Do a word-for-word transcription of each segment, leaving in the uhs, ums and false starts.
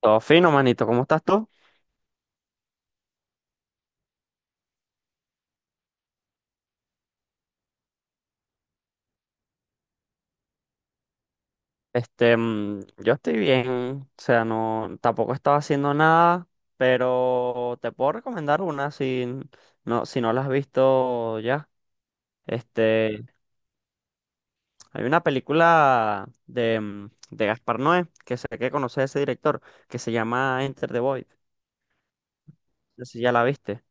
Todo fino, manito. ¿Cómo estás tú? Este, mm, yo estoy bien. O sea, no, tampoco estaba haciendo nada, pero te puedo recomendar una si no, si no la has visto ya. Este, hay una película de, mm, de Gaspar Noé, que sé que conoces ese director, que se llama Enter the Void. No sé si ya la viste.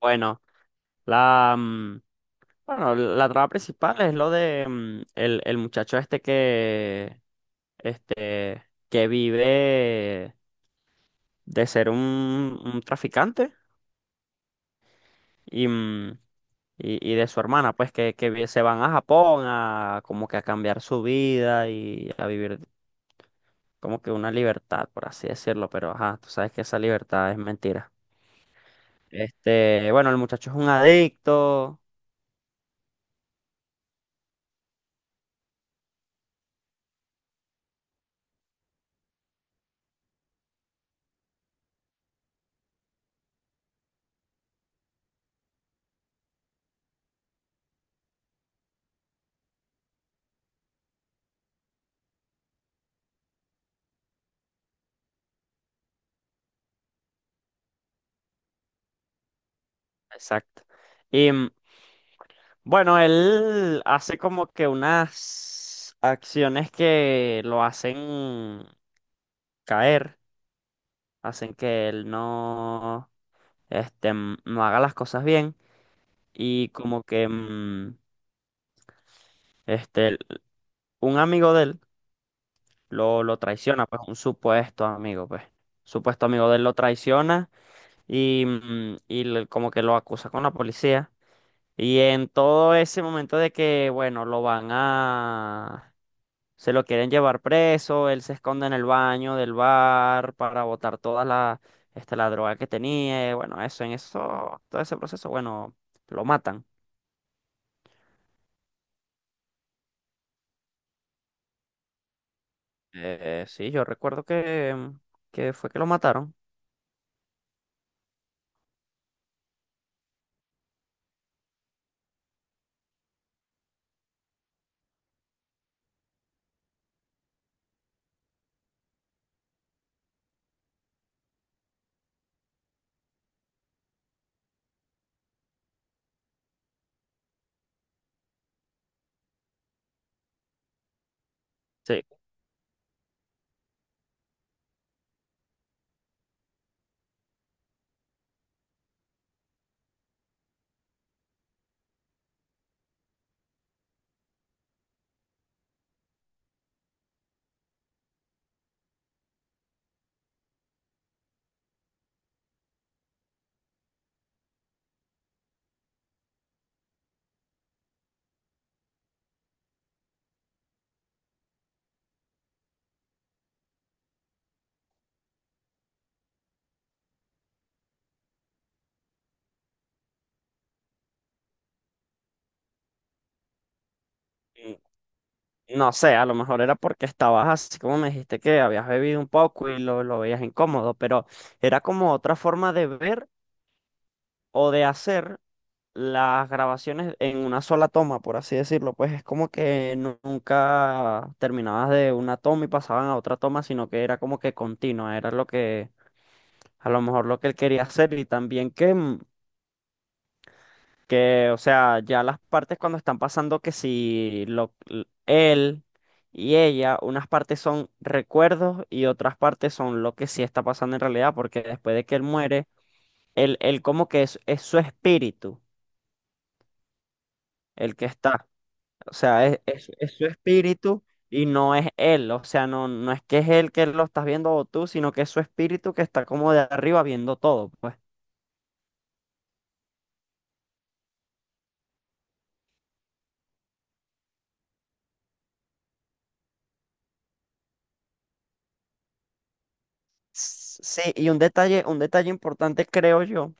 Bueno. La, mm, bueno, la trama principal es lo de mm, el, el muchacho este que, este, que vive de ser un, un traficante y, mm, y, y de su hermana, pues que, que vi- se van a Japón a como que a cambiar su vida y a vivir como que una libertad, por así decirlo, pero ajá, tú sabes que esa libertad es mentira. Este, bueno, el muchacho es un adicto. Exacto. Bueno, él hace como que unas acciones que lo hacen caer, hacen que él no, este, mm, no haga las cosas bien y como que mm, este, el- un amigo de él lo, lo traiciona, pues un supuesto amigo, pues, supuesto amigo de él lo traiciona y, mm, y le- como que lo acusa con la policía. Y en todo ese momento de que, bueno, lo van a. Se lo quieren llevar preso, él se esconde en el baño del bar para botar toda la, este, la droga que tenía. Y bueno, eso, en eso, todo ese proceso, bueno, lo matan. Eh, sí, yo recuerdo que, mm, que fue que lo mataron. Sí. Y no sé, a lo mejor era porque estabas así como me dijiste que habías bebido un poco y lo, lo veías incómodo, pero era como otra forma de ver o de hacer las grabaciones en una sola toma, por así decirlo, pues es como que nu- nunca terminabas de una toma y pasaban a otra toma, sino que era como que continua, era lo que a lo mejor lo que él quería hacer y también que, mm, que o sea, ya las partes cuando están pasando que si lo, l- él y ella, unas partes son recuerdos y otras partes son lo que sí está pasando en realidad, porque después de que él muere, él, él como que es, es su espíritu el que está. O sea, es, es- es su espíritu y no es él. O sea, no, no es que es él que lo estás viendo o tú, sino que es su espíritu que está como de arriba viendo todo, pues. S- Sí, y un detalle, un detalle importante creo yo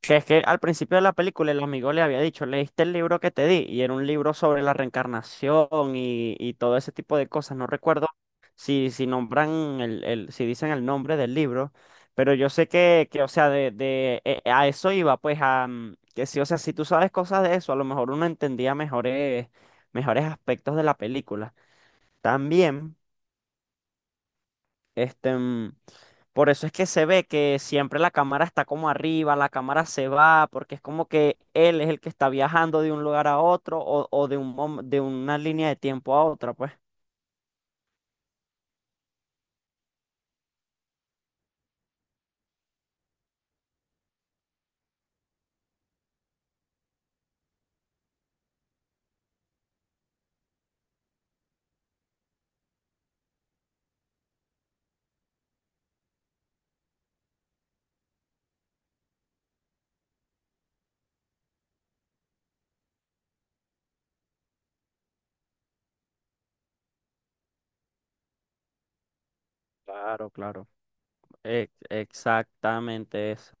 que es que al principio de la película el amigo le había dicho, ¿leíste el libro que te di? Y era un libro sobre la reencarnación y, y todo ese tipo de cosas. No recuerdo si, si nombran el, el, si dicen el nombre del libro, pero yo sé que, que o sea, de, de eh, a eso iba, pues a mm, que sí, o sea, si tú sabes cosas de eso, a lo mejor uno entendía mejores, mejores aspectos de la película. También. Este, mm, por eso es que se ve que siempre la cámara está como arriba, la cámara se va, porque es como que él es el que está viajando de un lugar a otro o, o de un, mom- de una línea de tiempo a otra, pues. Claro, claro. Ex- exactamente eso.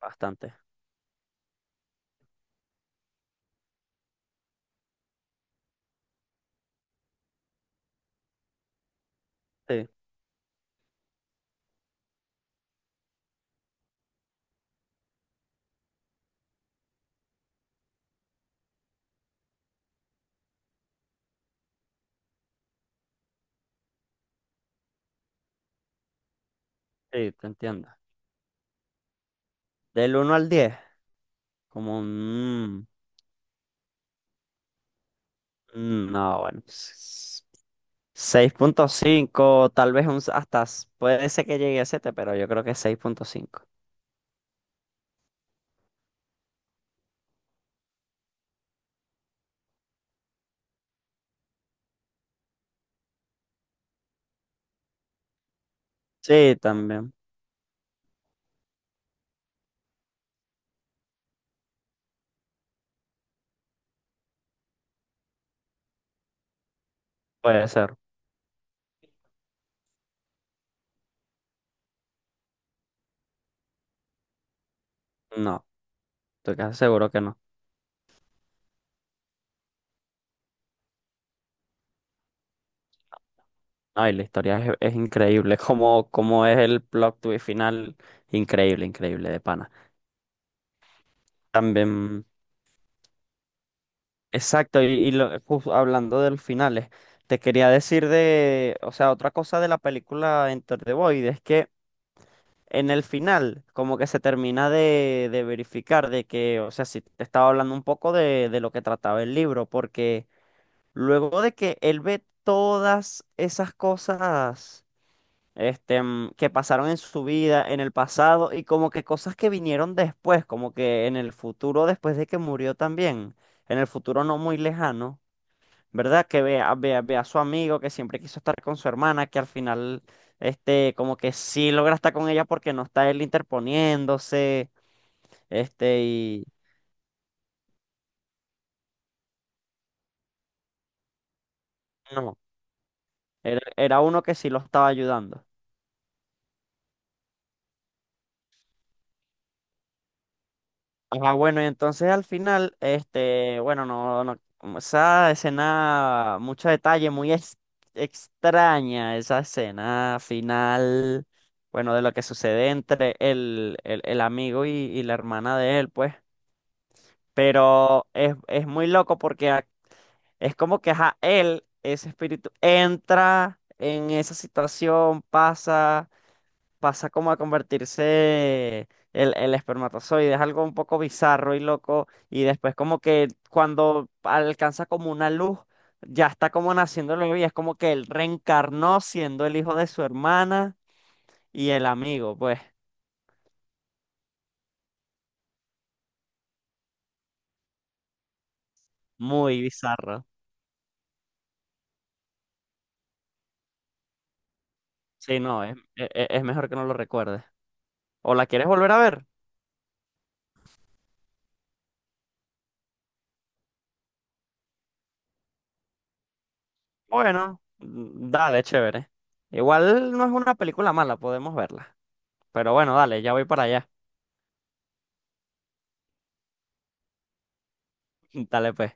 Bastante. Sí, sí, te entiendo. Del uno al diez como un... mm, no, bueno. s- seis punto cinco tal vez un, s- hasta s- puede ser que llegue a siete, pero yo creo que seis punto cinco. Sí, también puede ser. No, estoy casi seguro que no. Ay, la historia es, es increíble. Como, como es el plot twist final. Increíble, increíble, de pana. También, exacto, y, y lo- jus- hablando de los finales, te quería decir de, o sea, otra cosa de la película Enter the Void es que en el final, como que se termina de, de verificar de que, o sea, si te estaba hablando un poco de, de lo que trataba el libro, porque luego de que él ve todas esas cosas. este, mm, que pasaron en su vida, en el pasado, y como que cosas que vinieron después, como que en el futuro, después de que murió también, en el futuro no muy lejano, ¿verdad? Que vea, vea, vea a su amigo que siempre quiso estar con su hermana, que al final, este, como que sí logra estar con ella porque no está él interponiéndose, este, y no, era, era uno que sí lo estaba ayudando. Ah, bueno, y entonces al final, este, bueno, no, no, como esa escena, mucho detalle, muy ex- extraña, esa escena final, bueno, de lo que sucede entre el, el, el amigo y, y la hermana de él, pues, pero es, es muy loco porque a- es como que a él, ese espíritu, entra en esa situación, pasa pasa como a convertirse el, el espermatozoide, es algo un poco bizarro y loco, y después como que cuando alcanza como una luz, ya está como naciendo el bebé, y es como que él reencarnó siendo el hijo de su hermana y el amigo, pues muy bizarro. Sí, no, es, e- e- es mejor que no lo recuerdes. ¿O la quieres volver a ver? Bueno, mm, dale, chévere. Igual no es una película mala, podemos verla. Pero bueno, dale, ya voy para allá. Dale, pues.